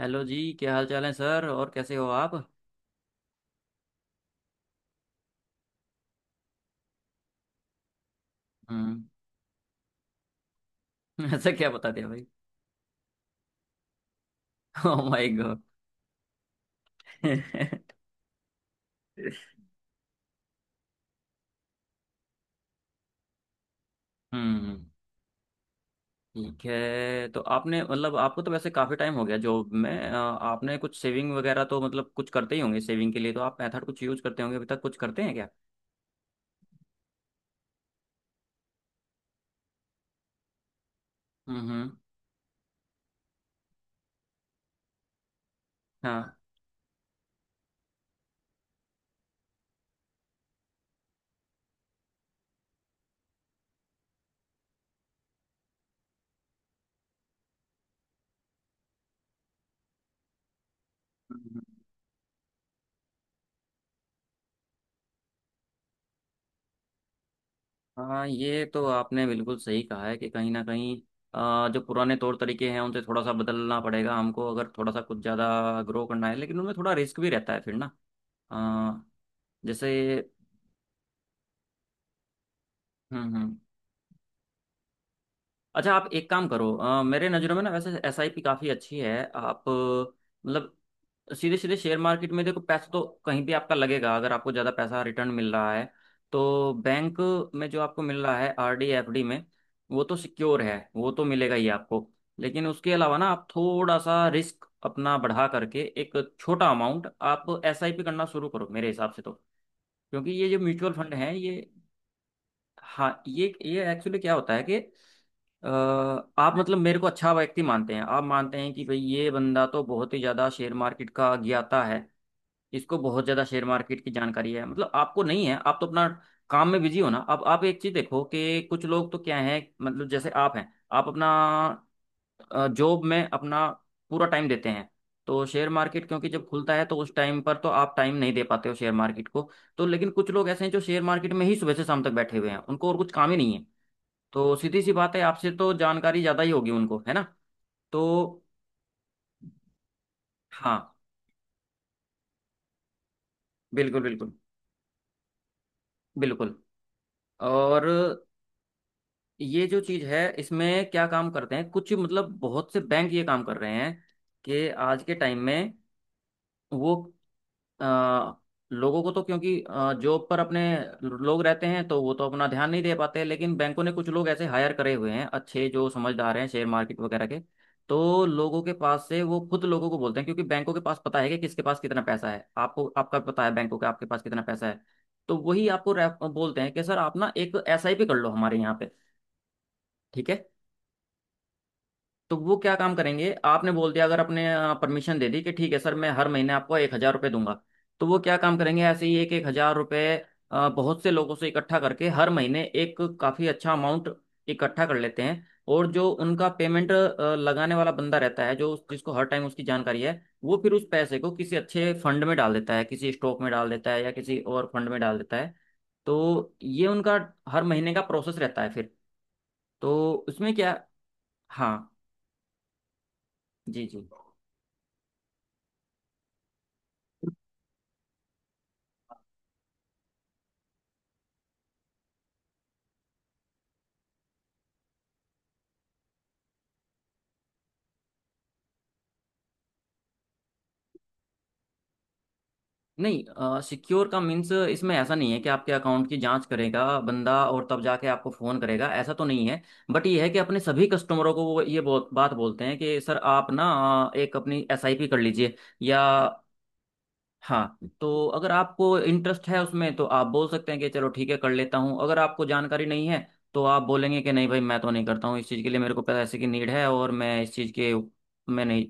Hello जी। क्या हाल चाल है सर और कैसे हो आप। हम्म। ऐसा क्या बता दिया भाई। Oh my God. हम्म। ठीक है। तो आपने मतलब आपको तो वैसे काफी टाइम हो गया जॉब में, आपने कुछ सेविंग वगैरह तो मतलब कुछ करते ही होंगे। सेविंग के लिए तो आप मेथड कुछ यूज करते होंगे। अभी तक कुछ करते हैं क्या। हम्म। हाँ। हम्म। हाँ, ये तो आपने बिल्कुल सही कहा है कि कहीं ना कहीं जो पुराने तौर तरीके हैं उनसे थोड़ा सा बदलना पड़ेगा हमको। अगर थोड़ा सा कुछ ज़्यादा ग्रो करना है लेकिन उनमें थोड़ा रिस्क भी रहता है फिर ना। अ, जैसे। हम्म। अच्छा, आप एक काम करो। मेरे नज़रों में ना वैसे एसआईपी काफ़ी अच्छी है। आप मतलब सीधे सीधे शेयर मार्केट में देखो, पैसा तो कहीं भी आपका लगेगा। अगर आपको ज़्यादा पैसा रिटर्न मिल रहा है तो बैंक में जो आपको मिल रहा है आरडी एफडी में, वो तो सिक्योर है, वो तो मिलेगा ही आपको। लेकिन उसके अलावा ना आप थोड़ा सा रिस्क अपना बढ़ा करके एक छोटा अमाउंट आप एसआईपी करना शुरू करो मेरे हिसाब से तो। क्योंकि ये जो म्यूचुअल फंड है ये। हाँ, ये एक्चुअली क्या होता है कि अ, आप मतलब मेरे को अच्छा व्यक्ति मानते हैं, आप मानते हैं कि भाई ये बंदा तो बहुत ही ज़्यादा शेयर मार्केट का ज्ञाता है, इसको बहुत ज़्यादा शेयर मार्केट की जानकारी है, मतलब आपको नहीं है। आप तो अपना काम में बिजी हो ना। अब आप एक चीज़ देखो कि कुछ लोग तो क्या है, मतलब जैसे आप हैं आप अपना जॉब में अपना पूरा टाइम देते हैं। तो शेयर मार्केट क्योंकि जब खुलता है तो उस टाइम पर तो आप टाइम नहीं दे पाते हो शेयर मार्केट को। तो लेकिन कुछ लोग ऐसे हैं जो शेयर मार्केट में ही सुबह से शाम तक बैठे हुए हैं, उनको और कुछ काम ही नहीं है। तो सीधी सी बात है, आपसे तो जानकारी ज़्यादा ही होगी उनको, है ना। तो। हाँ, बिल्कुल बिल्कुल बिल्कुल। और ये जो चीज़ है इसमें क्या काम करते हैं कुछ, मतलब बहुत से बैंक ये काम कर रहे हैं कि आज के टाइम में वो आ, लोगों को, तो क्योंकि जॉब पर अपने लोग रहते हैं तो वो तो अपना ध्यान नहीं दे पाते, लेकिन बैंकों ने कुछ लोग ऐसे हायर करे हुए हैं अच्छे जो समझदार हैं शेयर मार्केट वगैरह के। तो लोगों के पास से वो खुद लोगों को बोलते हैं, क्योंकि बैंकों के पास पता है कि किसके पास कितना पैसा है। आपको आपका पता है, बैंकों के आपके पास कितना पैसा है। तो वही आपको बोलते हैं कि सर आप ना एक एसआईपी कर लो हमारे यहाँ पे, ठीक है। तो वो क्या काम करेंगे, आपने बोल दिया अगर आपने परमिशन दे दी कि ठीक है सर मैं हर महीने आपको 1,000 रुपये दूंगा। तो वो क्या काम करेंगे, ऐसे ही एक एक हजार रुपये बहुत से लोगों से इकट्ठा करके हर महीने एक काफ़ी अच्छा अमाउंट इकट्ठा कर लेते हैं। और जो उनका पेमेंट लगाने वाला बंदा रहता है, जो जिसको हर टाइम उसकी जानकारी है, वो फिर उस पैसे को किसी अच्छे फंड में डाल देता है, किसी स्टॉक में डाल देता है या किसी और फंड में डाल देता है। तो ये उनका हर महीने का प्रोसेस रहता है फिर। तो उसमें क्या। हाँ जी जी। नहीं, सिक्योर का मीन्स इसमें ऐसा नहीं है कि आपके अकाउंट की जांच करेगा बंदा और तब जाके आपको फ़ोन करेगा, ऐसा तो नहीं है। बट ये है कि अपने सभी कस्टमरों को वो ये बहुत बात बोलते हैं कि सर आप ना एक अपनी एसआईपी कर लीजिए, या। हाँ, तो अगर आपको इंटरेस्ट है उसमें तो आप बोल सकते हैं कि चलो ठीक है कर लेता हूँ। अगर आपको जानकारी नहीं है तो आप बोलेंगे कि नहीं भाई मैं तो नहीं करता हूँ, इस चीज़ के लिए मेरे को पैसे की नीड है और मैं इस चीज़ के मैं नहीं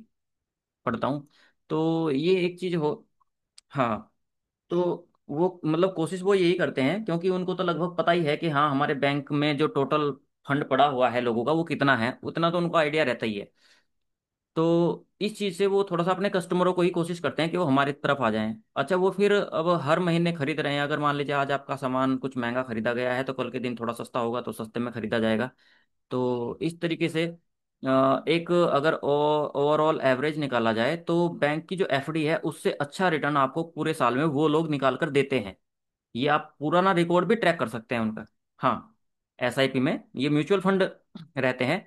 पढ़ता हूँ। तो ये एक चीज़ हो। हाँ। तो वो मतलब कोशिश वो यही करते हैं, क्योंकि उनको तो लगभग पता ही है कि हाँ, हमारे बैंक में जो टोटल फंड पड़ा हुआ है लोगों का वो कितना है, उतना तो उनको आइडिया रहता ही है। तो इस चीज़ से वो थोड़ा सा अपने कस्टमरों को ही कोशिश करते हैं कि वो हमारी तरफ आ जाएं। अच्छा, वो फिर अब हर महीने खरीद रहे हैं। अगर मान लीजिए आज आपका सामान कुछ महंगा खरीदा गया है तो कल के दिन थोड़ा सस्ता होगा, तो सस्ते में खरीदा जाएगा। तो इस तरीके से एक अगर ओवरऑल एवरेज निकाला जाए तो बैंक की जो एफडी है उससे अच्छा रिटर्न आपको पूरे साल में वो लोग निकाल कर देते हैं। ये आप पुराना रिकॉर्ड भी ट्रैक कर सकते हैं उनका। हाँ। एसआईपी में ये म्यूचुअल फंड रहते हैं।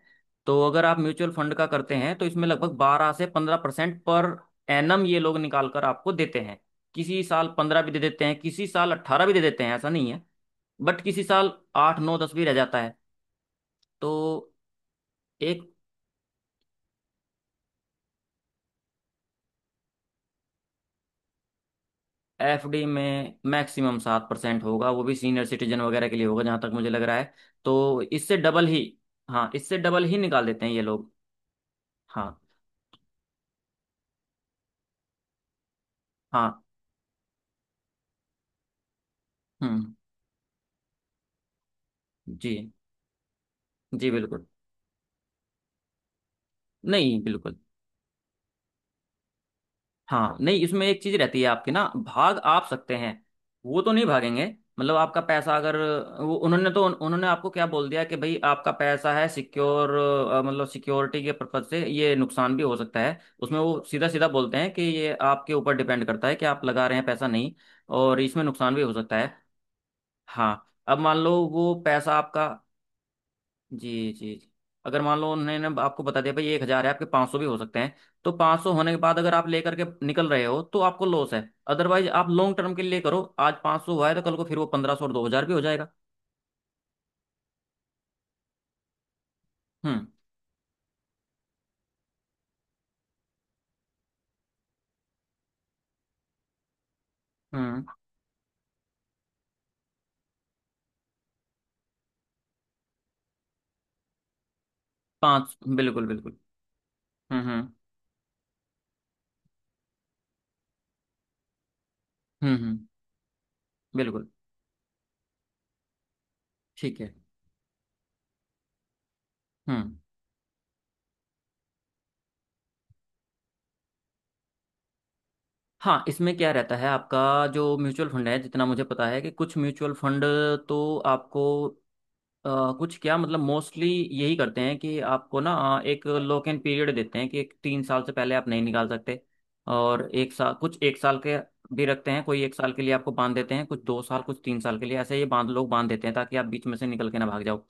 तो अगर आप म्यूचुअल फंड का करते हैं तो इसमें लगभग 12 से 15% पर एनम ये लोग निकाल कर आपको देते हैं। किसी साल 15 भी दे देते हैं, किसी साल 18 भी दे देते हैं, ऐसा नहीं है। बट किसी साल 8, 9, 10 भी रह जाता है। तो एक। एफडी में मैक्सिमम 7% होगा, वो भी सीनियर सिटीजन वगैरह के लिए होगा जहां तक मुझे लग रहा है। तो इससे डबल ही। हाँ, इससे डबल ही निकाल देते हैं ये लोग। हाँ। हाँ। हम्म। जी जी बिल्कुल। नहीं, बिल्कुल। हाँ, नहीं इसमें एक चीज रहती है आपकी ना, भाग आप सकते हैं, वो तो नहीं भागेंगे। मतलब आपका पैसा अगर वो, उन्होंने तो उन्होंने आपको क्या बोल दिया कि भाई आपका पैसा है सिक्योर। मतलब सिक्योरिटी के पर्पज से ये नुकसान भी हो सकता है उसमें, वो सीधा सीधा बोलते हैं कि ये आपके ऊपर डिपेंड करता है कि आप लगा रहे हैं पैसा नहीं, और इसमें नुकसान भी हो सकता है। हाँ। अब मान लो वो पैसा आपका। जी जी जी। अगर मान लो उन्होंने ना आपको बता दिया भाई 1,000 है आपके, 500 भी हो सकते हैं। तो 500 होने के बाद अगर आप लेकर के निकल रहे हो तो आपको लॉस है। अदरवाइज आप लॉन्ग टर्म के लिए करो, आज 500 हुआ है तो कल को फिर वो 1,500 और 2,000 भी हो जाएगा। हम्म हम्म। पाँच, बिल्कुल बिल्कुल। हम्म। हम्म। बिल्कुल। ठीक है। हम्म। हाँ, इसमें क्या रहता है आपका जो म्यूचुअल फंड है, जितना मुझे पता है कि कुछ म्यूचुअल फंड तो आपको अ, कुछ, क्या मतलब मोस्टली यही करते हैं कि आपको ना एक लॉक इन पीरियड देते हैं कि एक 3 साल से पहले आप नहीं निकाल सकते। और एक साल, कुछ एक साल के भी रखते हैं, कोई एक साल के लिए आपको बांध देते हैं, कुछ 2 साल, कुछ 3 साल के लिए, ऐसे ये बांध लोग बांध देते हैं ताकि आप बीच में से निकल के ना भाग जाओ।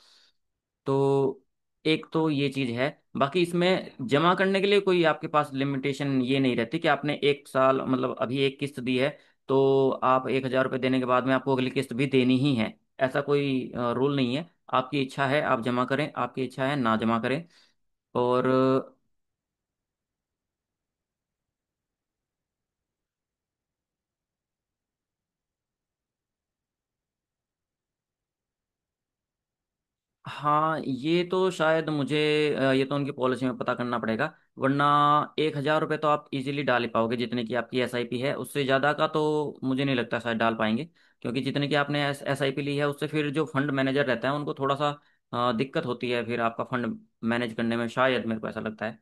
तो एक तो ये चीज है। बाकी इसमें जमा करने के लिए कोई आपके पास लिमिटेशन ये नहीं रहती कि आपने एक साल मतलब अभी एक किस्त दी है तो आप 1,000 रुपये देने के बाद में आपको अगली किस्त भी देनी ही है, ऐसा कोई रूल नहीं है। आपकी इच्छा है आप जमा करें, आपकी इच्छा है ना जमा करें। और। हाँ। ये तो शायद मुझे ये तो उनकी पॉलिसी में पता करना पड़ेगा। वरना 1,000 रुपये तो आप इजीली डाल ही पाओगे, जितने की आपकी एसआईपी है उससे ज़्यादा का तो मुझे नहीं लगता शायद डाल पाएंगे। क्योंकि जितने की आपने एसआईपी ली है उससे फिर जो फंड मैनेजर रहता है उनको थोड़ा सा दिक्कत होती है फिर आपका फंड मैनेज करने में, शायद मेरे को ऐसा लगता है।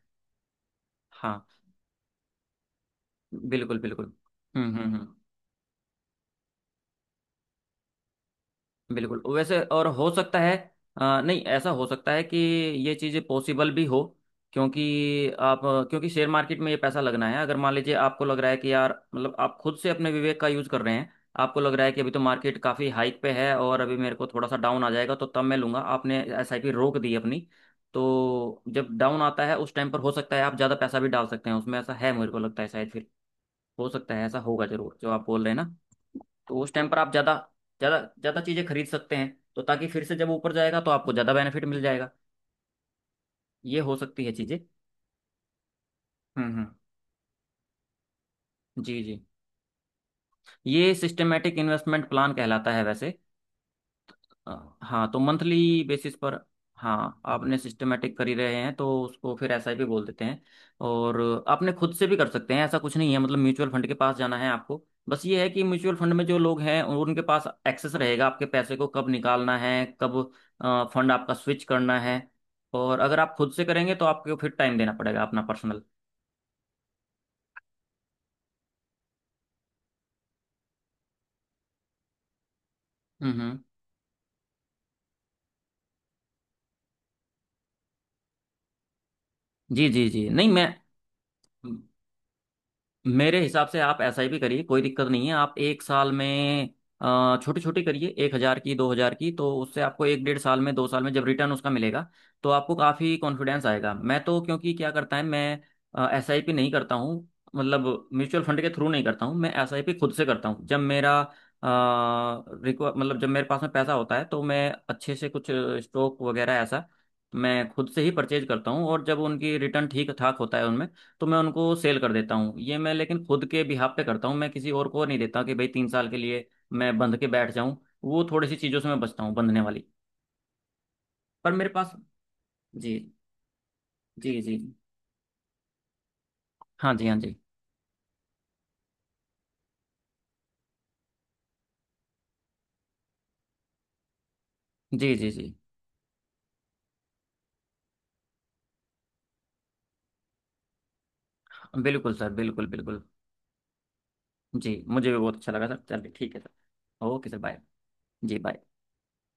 हाँ, बिल्कुल बिल्कुल। हम्म। बिल्कुल, वैसे और हो सकता है नहीं, ऐसा हो सकता है कि ये चीज़ें पॉसिबल भी हो। क्योंकि आप क्योंकि शेयर मार्केट में ये पैसा लगना है। अगर मान लीजिए आपको लग रहा है कि यार मतलब आप खुद से अपने विवेक का यूज़ कर रहे हैं, आपको लग रहा है कि अभी तो मार्केट काफ़ी हाइक पे है और अभी मेरे को थोड़ा सा डाउन आ जाएगा तो तब मैं लूंगा, आपने एसआईपी रोक दी अपनी। तो जब डाउन आता है उस टाइम पर हो सकता है आप ज़्यादा पैसा भी डाल सकते हैं उसमें, ऐसा है मेरे को लगता है शायद फिर। हो सकता है ऐसा होगा जरूर जो आप बोल रहे हैं ना। तो उस टाइम पर आप ज़्यादा ज़्यादा ज़्यादा चीज़ें खरीद सकते हैं, तो ताकि फिर से जब ऊपर जाएगा तो आपको ज़्यादा बेनिफिट मिल जाएगा। ये हो सकती है चीज़ें। हम्म। जी जी। ये सिस्टमेटिक इन्वेस्टमेंट प्लान कहलाता है वैसे। हाँ, तो मंथली बेसिस पर। हाँ, आपने सिस्टमेटिक कर ही रहे हैं तो उसको फिर एसआईपी बोल देते हैं। और आपने खुद से भी कर सकते हैं, ऐसा कुछ नहीं है मतलब म्यूचुअल फंड के पास जाना है आपको। बस ये है कि म्यूचुअल फंड में जो लोग हैं उनके पास एक्सेस रहेगा आपके पैसे को कब निकालना है, कब फंड आपका स्विच करना है। और अगर आप खुद से करेंगे तो आपको फिर टाइम देना पड़ेगा अपना पर्सनल। हम्म हम्म। जी जी जी, नहीं मैं मेरे हिसाब से आप ऐसा ही भी करिए, कोई दिक्कत नहीं है। आप एक साल में छोटी छोटी करिए, 1,000 की 2,000 की, तो उससे आपको एक डेढ़ साल में 2 साल में जब रिटर्न उसका मिलेगा तो आपको काफ़ी कॉन्फिडेंस आएगा। मैं तो, क्योंकि क्या करता है, मैं एस आई पी नहीं करता हूँ मतलब म्यूचुअल फंड के थ्रू नहीं करता हूँ। मैं एस आई पी खुद से करता हूँ, जब मेरा रिक्वा मतलब जब मेरे पास में पैसा होता है तो मैं अच्छे से कुछ स्टॉक वगैरह ऐसा मैं खुद से ही परचेज करता हूँ। और जब उनकी रिटर्न ठीक ठाक होता है उनमें तो मैं उनको सेल कर देता हूँ। ये मैं लेकिन खुद के बिहाफ पे करता हूँ, मैं किसी और को नहीं देता कि भाई 3 साल के लिए मैं बंध के बैठ जाऊँ। वो थोड़ी सी चीज़ों से मैं बचता हूँ बंधने वाली। पर मेरे पास। जी जी जी। हाँ जी हाँ जी। जी जी जी, बिल्कुल सर बिल्कुल बिल्कुल। जी, मुझे भी बहुत अच्छा लगा सर। चलिए, ठीक है सर। Okay sir, bye. जी बाय।